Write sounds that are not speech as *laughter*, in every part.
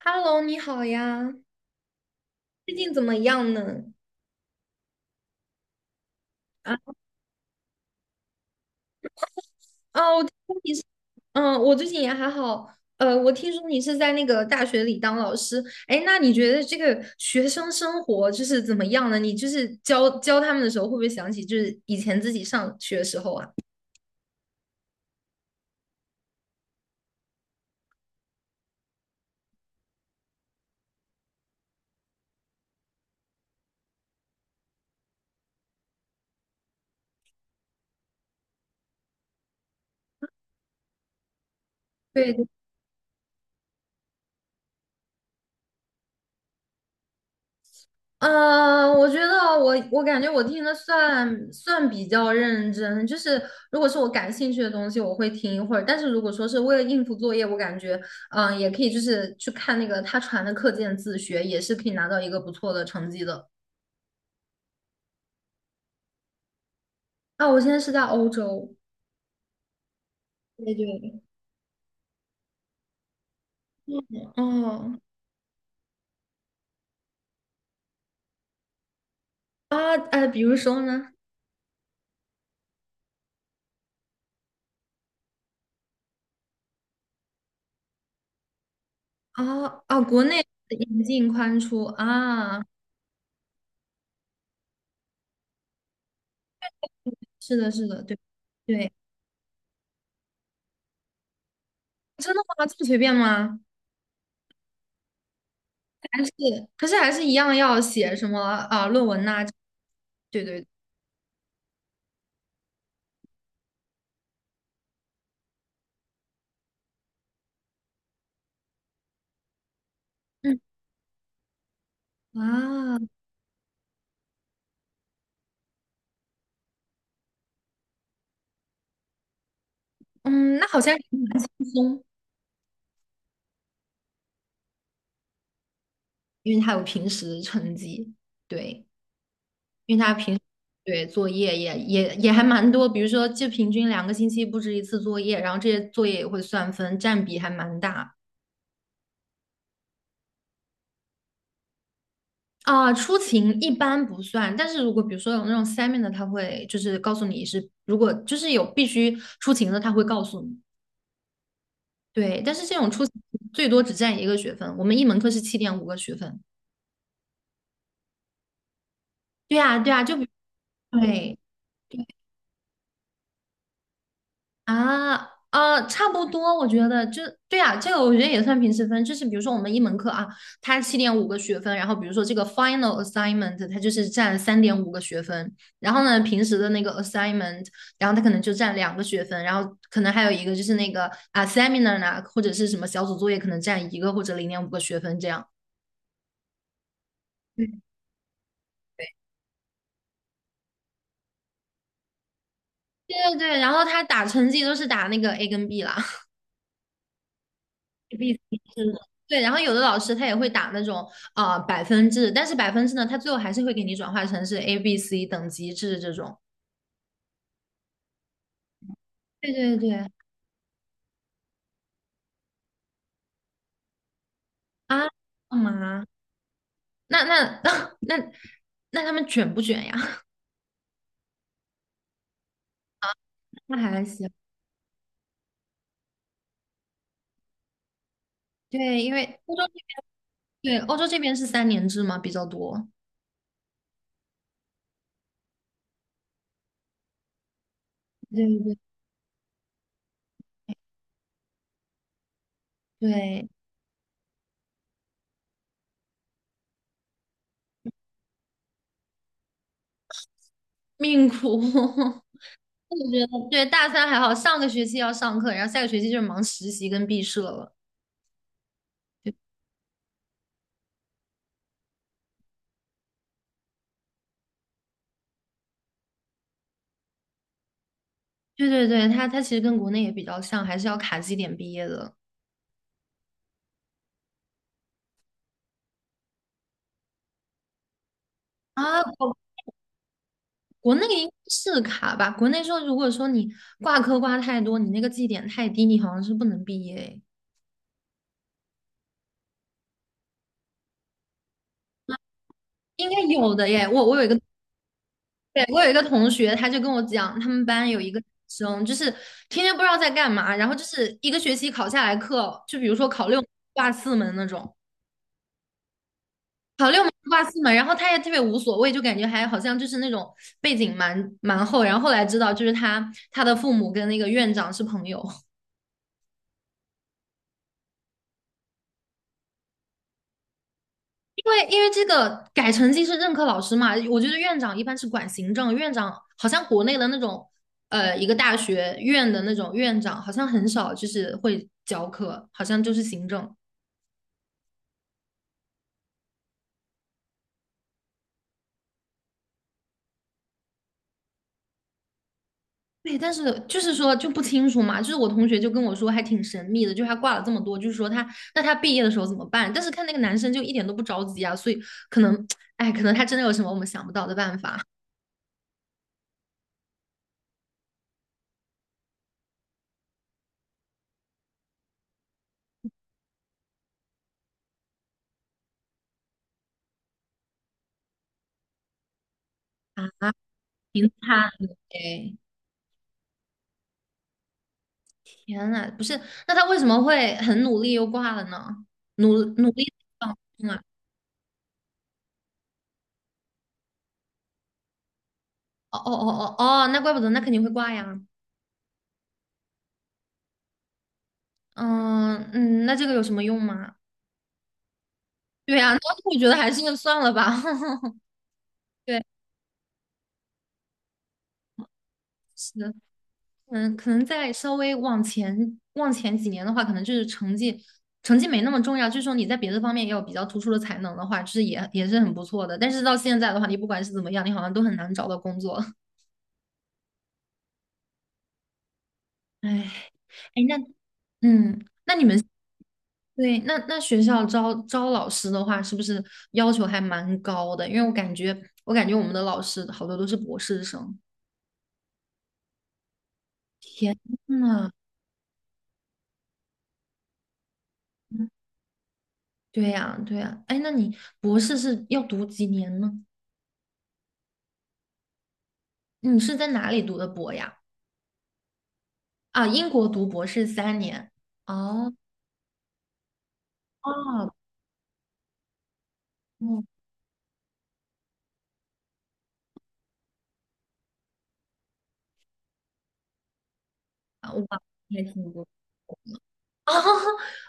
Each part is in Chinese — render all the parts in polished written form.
Hello，你好呀，最近怎么样呢？啊，哦，嗯，我最近也还好。我听说你是在那个大学里当老师。哎，那你觉得这个学生生活就是怎么样呢？你就是教教他们的时候，会不会想起就是以前自己上学的时候啊？对。嗯，我觉得我感觉我听的算比较认真，就是如果是我感兴趣的东西，我会听一会儿。但是如果说是为了应付作业，我感觉也可以就是去看那个他传的课件自学，也是可以拿到一个不错的成绩的。啊，我现在是在欧洲，对对，哦，啊，哎，比如说呢，啊啊，国内引进宽出啊，是的，是的，对对，真的吗？这么随便吗？还是可是还是一样要写什么啊、论文呐、对对，嗯啊嗯，那好像轻松，因为他有平时成绩，对，因为他平时对作业也还蛮多，比如说就平均2个星期布置一次作业，然后这些作业也会算分，占比还蛮大。啊、出勤一般不算，但是如果比如说有那种 semi 的，他会就是告诉你是，如果就是有必须出勤的，他会告诉你。对，但是这种出最多只占一个学分，我们一门课是七点五个学分。对呀，对呀，就比对对啊，差不多，我觉得就对呀，这个我觉得也算平时分，就是比如说我们一门课啊，它七点五个学分，然后比如说这个 final assignment 它就是占3.5个学分，然后呢平时的那个 assignment，然后它可能就占2个学分，然后可能还有一个就是那个啊 seminar 呢，或者是什么小组作业可能占一个或者0.5个学分这样。对对对，然后他打成绩都是打那个 A 跟 B 啦，A，B C *laughs* 是的。对，然后有的老师他也会打那种啊百分制，但是百分制呢，他最后还是会给你转化成是 A、B、C 等级制这种。对对对，啊，干嘛？那那 *laughs* 那那那他们卷不卷呀？*laughs* 那还行。对，因为欧洲这边，对，欧洲这边是3年制嘛，比较多。对对对，命苦。*laughs* 我觉得对大三还好，上个学期要上课，然后下个学期就是忙实习跟毕设了。对对对，它其实跟国内也比较像，还是要卡绩点毕业的啊。国内应该是卡吧？国内说，如果说你挂科挂太多，你那个绩点太低，你好像是不能毕业诶。应该有的耶。我有一个，对，我有一个同学，他就跟我讲，他们班有一个女生，就是天天不知道在干嘛，然后就是一个学期考下来课，就比如说考六门挂四门那种，好六门是挂四门，然后他也特别无所谓，就感觉还好像就是那种背景蛮厚。然后后来知道，就是他的父母跟那个院长是朋友。*laughs* 因为这个改成绩是任课老师嘛，我觉得院长一般是管行政，院长好像国内的那种一个大学院的那种院长好像很少就是会教课，好像就是行政。对，但是就是说就不清楚嘛，就是我同学就跟我说还挺神秘的，就是他挂了这么多，就是说那他毕业的时候怎么办？但是看那个男生就一点都不着急啊，所以可能，哎，可能他真的有什么我们想不到的办法，挺惨的哎，天呐，不是，那他为什么会很努力又挂了呢？努力放松啊，哦哦哦哦哦，那怪不得，那肯定会挂呀，嗯嗯，那这个有什么用吗？对呀，那我觉得还是算了吧。*laughs* 对，是。嗯，可能再稍微往前几年的话，可能就是成绩没那么重要，就是说你在别的方面也有比较突出的才能的话，就是也是很不错的。但是到现在的话，你不管是怎么样，你好像都很难找到工作。*laughs* 哎哎，嗯，那你们对那学校招老师的话，是不是要求还蛮高的？因为我感觉我们的老师好多都是博士生。嗯啊，对呀，对呀。哎，那你博士是要读几年呢？你是在哪里读的博呀？啊，英国读博士三年。哦，哦，哦，啊，哇，还挺多。*laughs* 哦，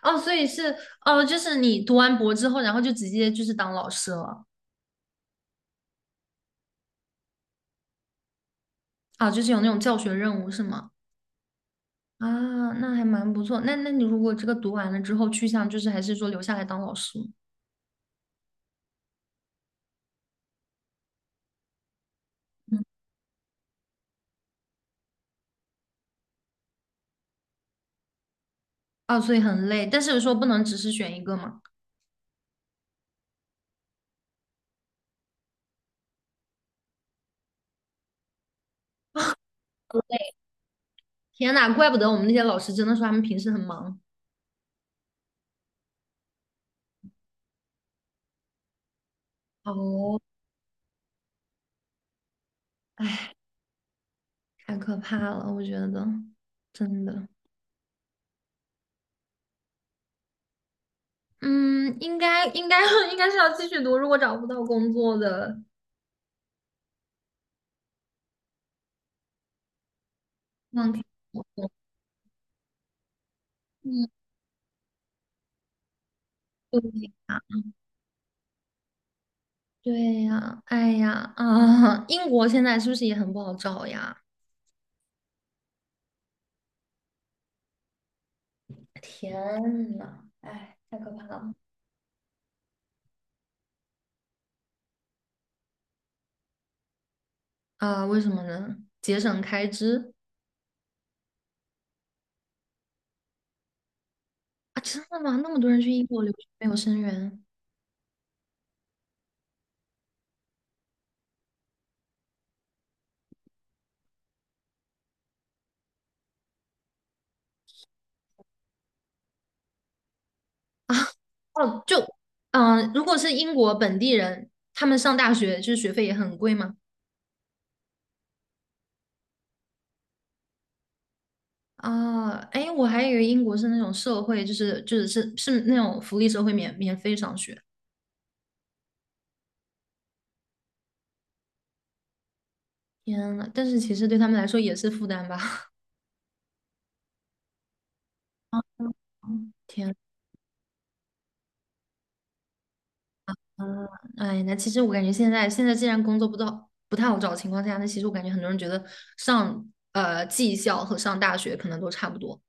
哦，所以是哦，就是你读完博之后，然后就直接就是当老师了啊，就是有那种教学任务是吗？啊，那还蛮不错。那你如果这个读完了之后去向就是还是说留下来当老师吗？嗯，啊，所以很累，但是说不能只是选一个嘛。天呐，怪不得我们那些老师真的说他们平时很忙。哦，哎，太可怕了，我觉得真的。嗯，应该应该 *laughs* 应该是要继续读，如果找不到工作的，嗯，嗯，对呀，对呀，哎呀，啊，英国现在是不是也很不好找呀？天呐，哎，太可怕了！啊，为什么呢？节省开支啊？真的吗？那么多人去英国留学没有生源？哦，如果是英国本地人，他们上大学就是学费也很贵吗？啊，哎，我还以为英国是那种社会，就是是那种福利社会免费上学。天呐，但是其实对他们来说也是负担吧。*laughs* 天呐，哎，那其实我感觉现在既然工作不到不太好找的情况下，那其实我感觉很多人觉得上技校和上大学可能都差不多，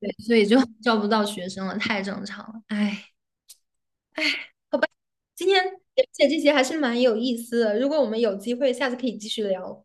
对，所以就 *laughs* 招不到学生了，太正常了。哎，哎今天了解这些还是蛮有意思的，如果我们有机会，下次可以继续聊。